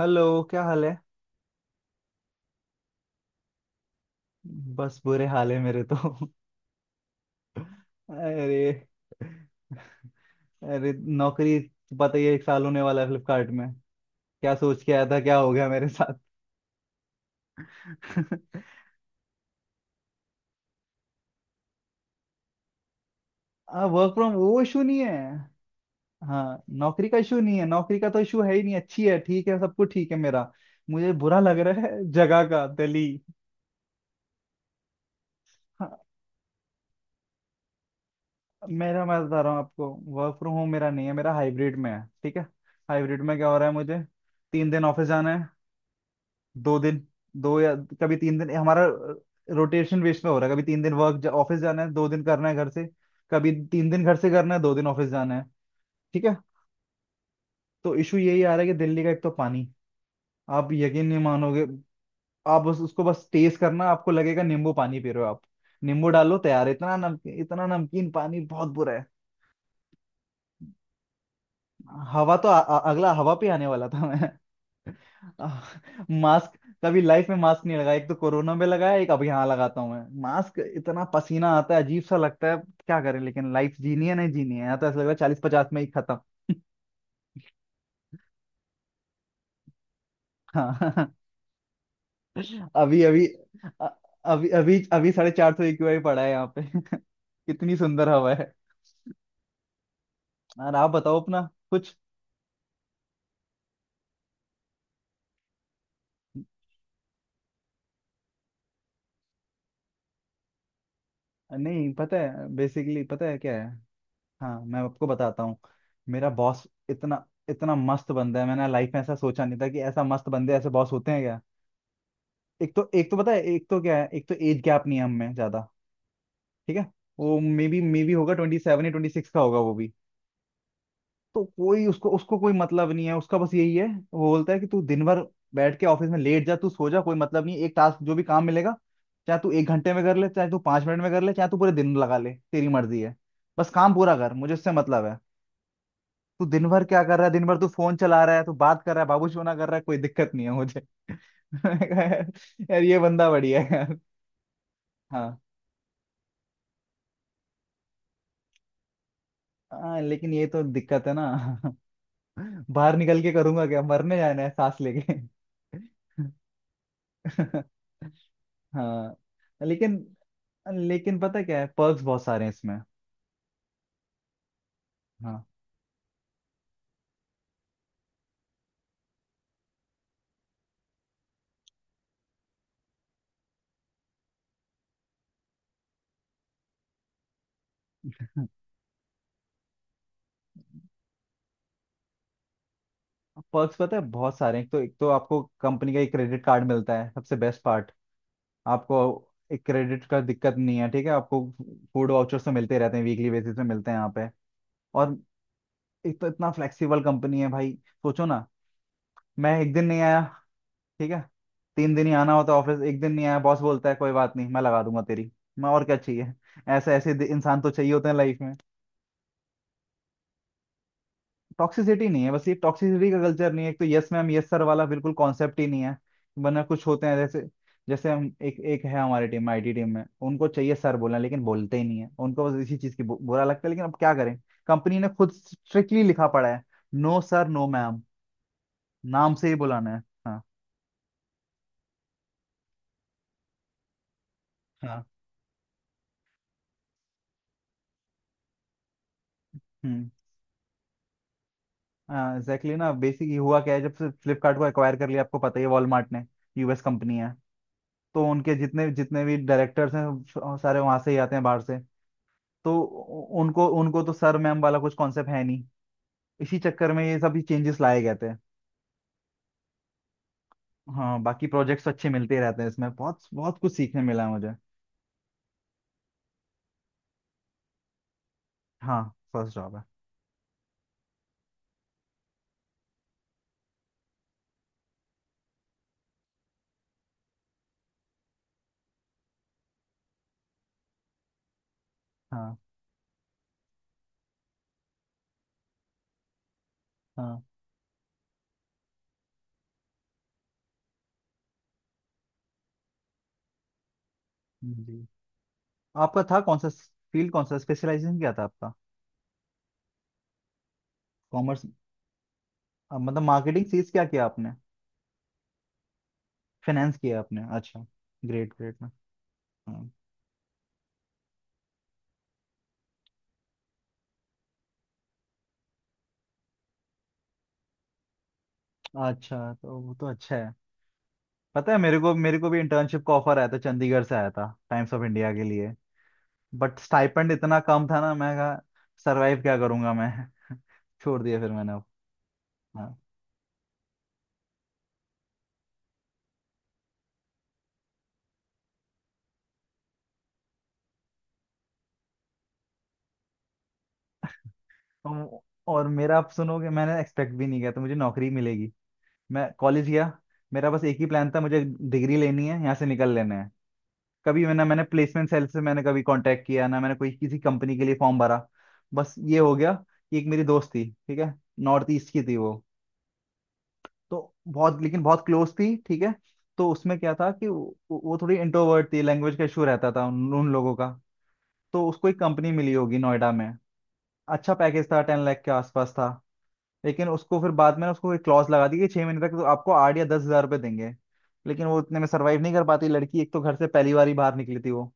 Hello, क्या हाल है। बस बुरे हाल है मेरे तो। अरे, अरे। नौकरी तो पता ही है, एक साल होने वाला है फ्लिपकार्ट में। क्या सोच के आया था, क्या हो गया मेरे साथ। हाँ, वर्क फ्रॉम वो इशू नहीं है। हाँ, नौकरी का इशू नहीं है, नौकरी का तो इशू है ही नहीं। अच्छी है, ठीक है, सब कुछ ठीक है मेरा। मुझे बुरा लग रहा है जगह का, दिल्ली। हाँ, मेरा मैं बता रहा हूँ आपको। वर्क फ्रॉम होम मेरा नहीं है, मेरा हाइब्रिड में है, ठीक है। हाइब्रिड में क्या हो रहा है मुझे। 3 दिन ऑफिस जाना है। 2 दिन, दो या कभी 3 दिन हमारा रोटेशन बेस में हो रहा है। कभी 3 दिन वर्क ऑफिस जाना है, 2 दिन करना है घर से। कभी तीन दिन घर से करना है, 2 दिन ऑफिस जाना है। ठीक है। तो इशू यही आ रहा है कि दिल्ली का एक तो पानी। आप यकीन नहीं मानोगे। आप बस उसको बस टेस्ट करना, आपको लगेगा नींबू पानी पी रहे हो आप। नींबू डालो तैयार, इतना नमकीन पानी, बहुत बुरा है। हवा तो आ, आ, अगला हवा पे आने वाला था मैं। मास्क। कभी लाइफ में मास्क नहीं लगाया, एक तो कोरोना में लगाया, एक अब यहाँ लगाता हूँ मैं मास्क। इतना पसीना आता है, अजीब सा लगता है। क्या करें, लेकिन लाइफ जीनी है नहीं जीनी है, यहाँ तो ऐसा लग रहा है 40 50 में ही खत्म। हाँ। अभी अभी अ- अभी अभी अभी 450 एक्यूआई पड़ा है यहाँ पे कितनी सुंदर हवा है। और आप बताओ अपना कुछ। नहीं, पता है बेसिकली, पता है क्या है। हाँ, मैं आपको बताता हूँ। मेरा बॉस इतना इतना मस्त बंदा है, मैंने लाइफ में ऐसा सोचा नहीं था कि ऐसा मस्त बंदे, ऐसे बॉस होते हैं। एक तो पता है, एक तो क्या है, एक तो एज गैप नहीं है हम में ज्यादा। ठीक है। वो मे बी होगा 27 या 26 का होगा वो भी। तो कोई उसको उसको कोई मतलब नहीं है, उसका बस यही है। वो बोलता है कि तू दिन भर बैठ के ऑफिस में लेट जा, तू सो जा, कोई मतलब नहीं है। एक टास्क, जो भी काम मिलेगा, चाहे तू 1 घंटे में कर ले, चाहे तू 5 मिनट में कर ले, चाहे तू पूरे दिन लगा ले, तेरी मर्जी है। बस काम पूरा कर, मुझे उससे मतलब है। तू दिन भर क्या कर रहा है, दिन भर तू फोन चला रहा है, तू बात कर रहा है, बाबूशोना कर रहा है, कोई दिक्कत नहीं है मुझे मैंने कहा, यार ये बंदा बढ़िया है यार। हाँ, हाँ, लेकिन ये तो दिक्कत है ना। बाहर निकल के करूंगा क्या, मरने जाना है सांस लेके हाँ, लेकिन लेकिन पता क्या है, पर्क्स बहुत सारे हैं इसमें। हाँ, पर्क्स पता है बहुत सारे हैं। एक तो आपको कंपनी का एक क्रेडिट कार्ड मिलता है, सबसे बेस्ट पार्ट। आपको एक क्रेडिट का दिक्कत नहीं है, ठीक है आपको। फूड वाउचर्स तो मिलते रहते हैं, वीकली बेसिस पे मिलते हैं यहाँ पे। और एक तो इतना फ्लेक्सिबल कंपनी है भाई, सोचो ना। मैं एक दिन नहीं आया, ठीक है। 3 दिन ही आना होता है ऑफिस, एक दिन नहीं आया, बॉस बोलता है कोई बात नहीं, मैं लगा दूंगा तेरी। मैं और क्या चाहिए। ऐसे ऐसे इंसान तो चाहिए होते हैं लाइफ में। टॉक्सिसिटी नहीं है, बस ये टॉक्सिसिटी का कल्चर नहीं है, एक तो यस मैम यस सर वाला बिल्कुल कॉन्सेप्ट ही नहीं है। वरना कुछ होते हैं, जैसे जैसे हम। एक एक है हमारी टीम में, आईटी टीम में, उनको चाहिए सर बोलना लेकिन बोलते ही नहीं है, उनको बस इसी चीज की बुरा लगता है, लेकिन अब क्या करें। कंपनी ने खुद स्ट्रिक्टली लिखा पड़ा है, नो सर नो मैम, नाम से ही बुलाना है। हाँ, हाँ, हम्म, हाँ एग्जैक्टली ना। बेसिकली हुआ क्या है, जब से फ्लिपकार्ट को एक्वायर कर लिया, आपको पता ही है, वॉलमार्ट ने। यूएस कंपनी है। तो उनके जितने जितने भी डायरेक्टर्स हैं, सारे वहां से ही आते हैं, बाहर से। तो उनको उनको तो सर मैम वाला कुछ कॉन्सेप्ट है नहीं। इसी चक्कर में ये सब चेंजेस लाए गए थे। हाँ, बाकी प्रोजेक्ट्स अच्छे मिलते ही रहते हैं इसमें, बहुत बहुत कुछ सीखने मिला है मुझे। हाँ, फर्स्ट जॉब है। हाँ, हाँ जी। आपका था कौन सा फील्ड, कौन सा स्पेशलाइजेशन क्या था आपका। कॉमर्स, मतलब मार्केटिंग सीज क्या किया आपने। फाइनेंस किया आपने, अच्छा। ग्रेट ग्रेट ना। हाँ। अच्छा, तो वो तो अच्छा है। पता है, मेरे को भी इंटर्नशिप का ऑफर आया था, चंडीगढ़ से आया था टाइम्स ऑफ इंडिया के लिए। बट स्टाइपेंड इतना कम था ना, मैं कहा सरवाइव क्या करूंगा मैं छोड़ दिया फिर मैंने अब। हाँ, तो- और मेरा आप सुनोगे, मैंने एक्सपेक्ट भी नहीं किया था मुझे नौकरी मिलेगी। मैं कॉलेज गया। मेरा बस एक ही प्लान था, मुझे डिग्री लेनी है, यहाँ से निकल लेना है। कभी मैंने मैंने प्लेसमेंट सेल से मैंने कभी कांटेक्ट किया ना, मैंने कोई किसी कंपनी के लिए फॉर्म भरा। बस ये हो गया कि एक मेरी दोस्त थी, ठीक है। नॉर्थ ईस्ट की थी वो। तो बहुत, लेकिन बहुत क्लोज थी, ठीक है। तो उसमें क्या था कि वो थोड़ी इंट्रोवर्ट थी, लैंग्वेज का इशू रहता था उन लोगों का। तो उसको एक कंपनी मिली होगी नोएडा में। अच्छा पैकेज था, 10 लाख के आसपास था। लेकिन उसको फिर बाद में उसको एक क्लॉज लगा दी कि 6 महीने तक तो आपको 8 या 10 हज़ार रुपये देंगे। लेकिन वो इतने में सरवाइव नहीं कर पाती लड़की, एक तो घर से पहली बार ही बाहर निकली थी वो।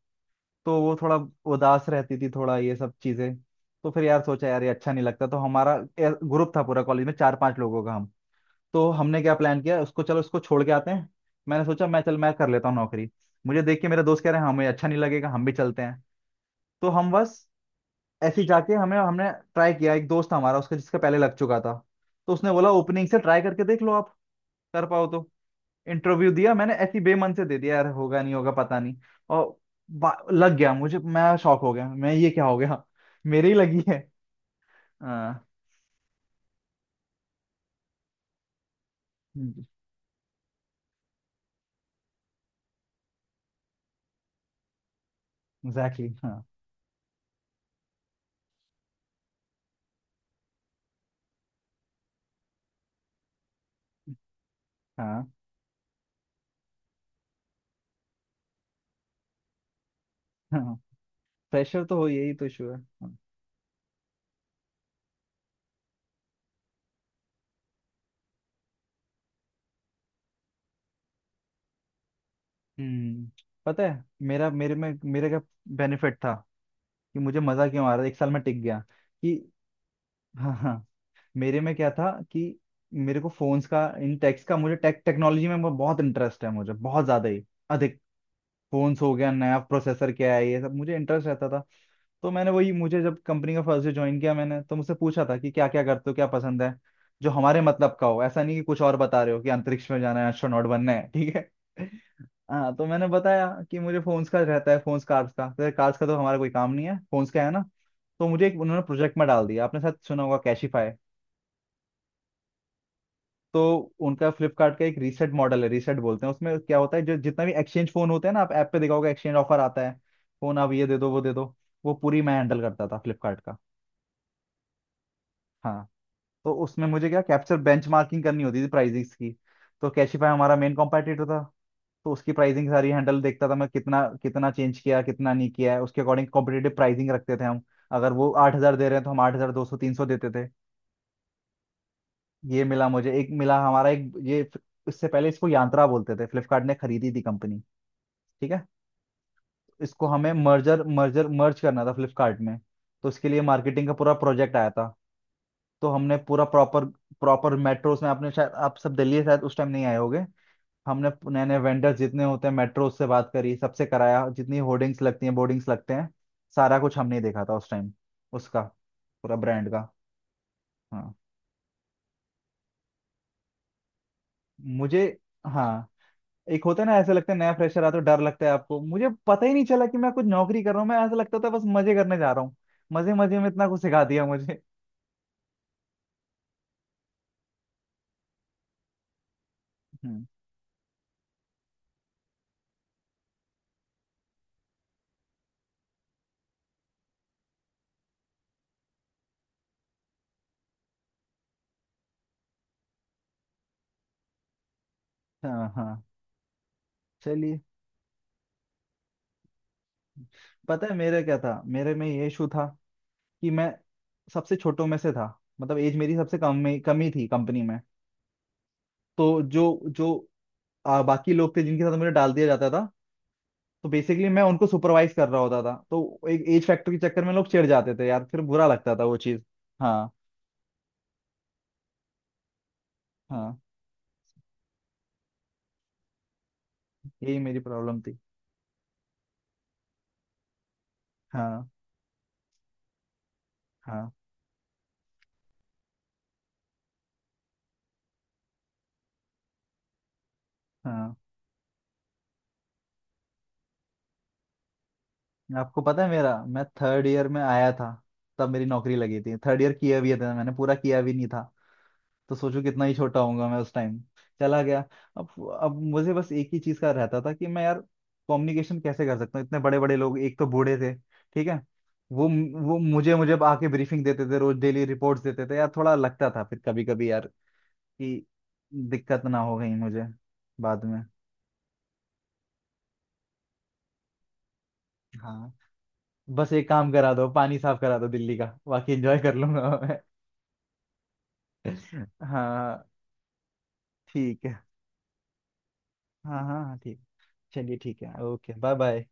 तो वो थोड़ा उदास रहती थी, थोड़ा ये सब चीजें। तो फिर यार सोचा, यार ये अच्छा नहीं लगता, तो हमारा ग्रुप था पूरा कॉलेज में, चार पांच लोगों का हम। तो हमने क्या प्लान किया, उसको चलो उसको छोड़ के आते हैं। मैंने सोचा मैं कर लेता हूँ नौकरी। मुझे देख के मेरे दोस्त कह रहे हैं हमें अच्छा नहीं लगेगा, हम भी चलते हैं। तो हम बस ऐसे ही जाके हमें हमने ट्राई किया। एक दोस्त था हमारा, उसका जिसका पहले लग चुका था। तो उसने बोला ओपनिंग से ट्राई करके देख लो आप, कर पाओ तो। इंटरव्यू दिया मैंने, ऐसी बेमन से दे दिया यार, होगा नहीं होगा पता नहीं। और लग गया मुझे, मैं शॉक हो गया, मैं ये क्या हो गया। मेरे ही लगी है। हाँ एग्जैक्टली, हाँ, हाँ, हाँ। प्रेशर तो हो, यही तो इशू है। हाँ। हम्म, पता है मेरा, मेरे में मेरे का बेनिफिट था कि मुझे मजा क्यों आ रहा था, एक साल में टिक गया। कि हाँ, हाँ, मेरे में क्या था कि मेरे को फोन्स का इन टेक्स का, मुझे टेक्नोलॉजी में बहुत इंटरेस्ट है, मुझे बहुत ज्यादा ही अधिक। फोन्स हो गया, नया प्रोसेसर क्या है, ये सब मुझे इंटरेस्ट रहता था। तो मैंने वही, मुझे जब कंपनी का फर्स्ट डे ज्वाइन किया मैंने, तो मुझसे पूछा था कि क्या क्या करते हो, क्या पसंद है, जो हमारे मतलब का हो। ऐसा नहीं कि कुछ और बता रहे हो कि अंतरिक्ष में जाना है, एस्ट्रोनॉट बनना है, ठीक है। हाँ, तो मैंने बताया कि मुझे फोन्स का रहता है, फोन्स कार्स का, तो कार्स का तो हमारा कोई काम नहीं है, फोन्स का है ना। तो मुझे एक उन्होंने प्रोजेक्ट में डाल दिया, आपने शायद सुना होगा, कैशिफाई। तो उनका फ्लिपकार्ट का एक रीसेट मॉडल है, रीसेट बोलते हैं। उसमें क्या होता है, जो जितना भी एक्सचेंज फोन होते हैं ना, आप ऐप पे देखा होगा, एक्सचेंज ऑफर आता है। फोन आप ये दे दो, वो दे दो। वो पूरी मैं हैंडल करता था फ्लिपकार्ट का। हाँ, तो उसमें मुझे क्या, कैप्चर बेंचमार्किंग करनी होती थी प्राइसिंग्स की। तो कैशिफाई हमारा मेन कॉम्पिटिटर था। तो उसकी प्राइसिंग सारी हैंडल देखता था मैं, कितना कितना चेंज किया, कितना नहीं किया है, उसके अकॉर्डिंग कॉम्पिटेटिव प्राइसिंग रखते थे हम। अगर वो 8 हज़ार दे रहे हैं, तो हम 8 हज़ार 200 300 देते थे। ये मिला मुझे, एक मिला हमारा एक ये। इससे पहले इसको यांत्रा बोलते थे, फ्लिपकार्ट ने खरीदी थी कंपनी, ठीक है। इसको हमें मर्जर मर्जर मर्ज करना था फ्लिपकार्ट में। तो इसके लिए मार्केटिंग का पूरा प्रोजेक्ट आया था। तो हमने पूरा प्रॉपर प्रॉपर मेट्रोस में, आपने शायद, आप सब दिल्ली शायद उस टाइम नहीं आए होगे। हमने नए नए वेंडर्स जितने होते हैं मेट्रोस से बात करी, सबसे कराया, जितनी होर्डिंग्स लगती हैं, बोर्डिंग्स लगते हैं, सारा कुछ हमने ही देखा था उस टाइम, उसका पूरा ब्रांड का। हाँ। मुझे, हाँ, एक होता है ना ऐसे लगता है नया फ्रेशर आता है तो डर लगता है आपको, मुझे पता ही नहीं चला कि मैं कुछ नौकरी कर रहा हूँ, मैं ऐसा लगता था बस मजे करने जा रहा हूँ। मजे मजे में इतना कुछ सिखा दिया मुझे। हम्म, हाँ हाँ, चलिए। पता है मेरा क्या था, मेरे में ये इशू था कि मैं सबसे छोटों में से था, मतलब एज मेरी सबसे कम में कम ही थी कंपनी में। तो जो जो आ, बाकी लोग थे जिनके साथ मुझे डाल दिया जाता था। तो बेसिकली मैं उनको सुपरवाइज कर रहा होता था, तो एक एज फैक्टर के चक्कर में लोग चिढ़ जाते थे यार, फिर बुरा लगता था वो चीज़। हाँ, हाँ, यही मेरी प्रॉब्लम थी। हाँ, हाँ, हाँ। आपको पता है मेरा, मैं थर्ड ईयर में आया था, तब मेरी नौकरी लगी थी। थर्ड ईयर किया भी था मैंने, पूरा किया भी नहीं था। तो सोचो कितना ही छोटा होऊंगा मैं उस टाइम, चला गया। अब मुझे बस एक ही चीज का रहता था कि मैं यार कम्युनिकेशन कैसे कर सकता हूँ, इतने बड़े बड़े लोग, एक तो बूढ़े थे, ठीक है। वो वो मुझे मुझे आके ब्रीफिंग देते थे, रोज डेली रिपोर्ट्स देते थे यार, थोड़ा लगता था फिर कभी कभी यार कि दिक्कत ना हो गई मुझे बाद में। हाँ, बस एक काम करा दो, पानी साफ करा दो दिल्ली का, बाकी एंजॉय कर लूंगा मैं हाँ ठीक है। हाँ, हाँ, हाँ, ठीक, चलिए, ठीक है, ओके बाय बाय।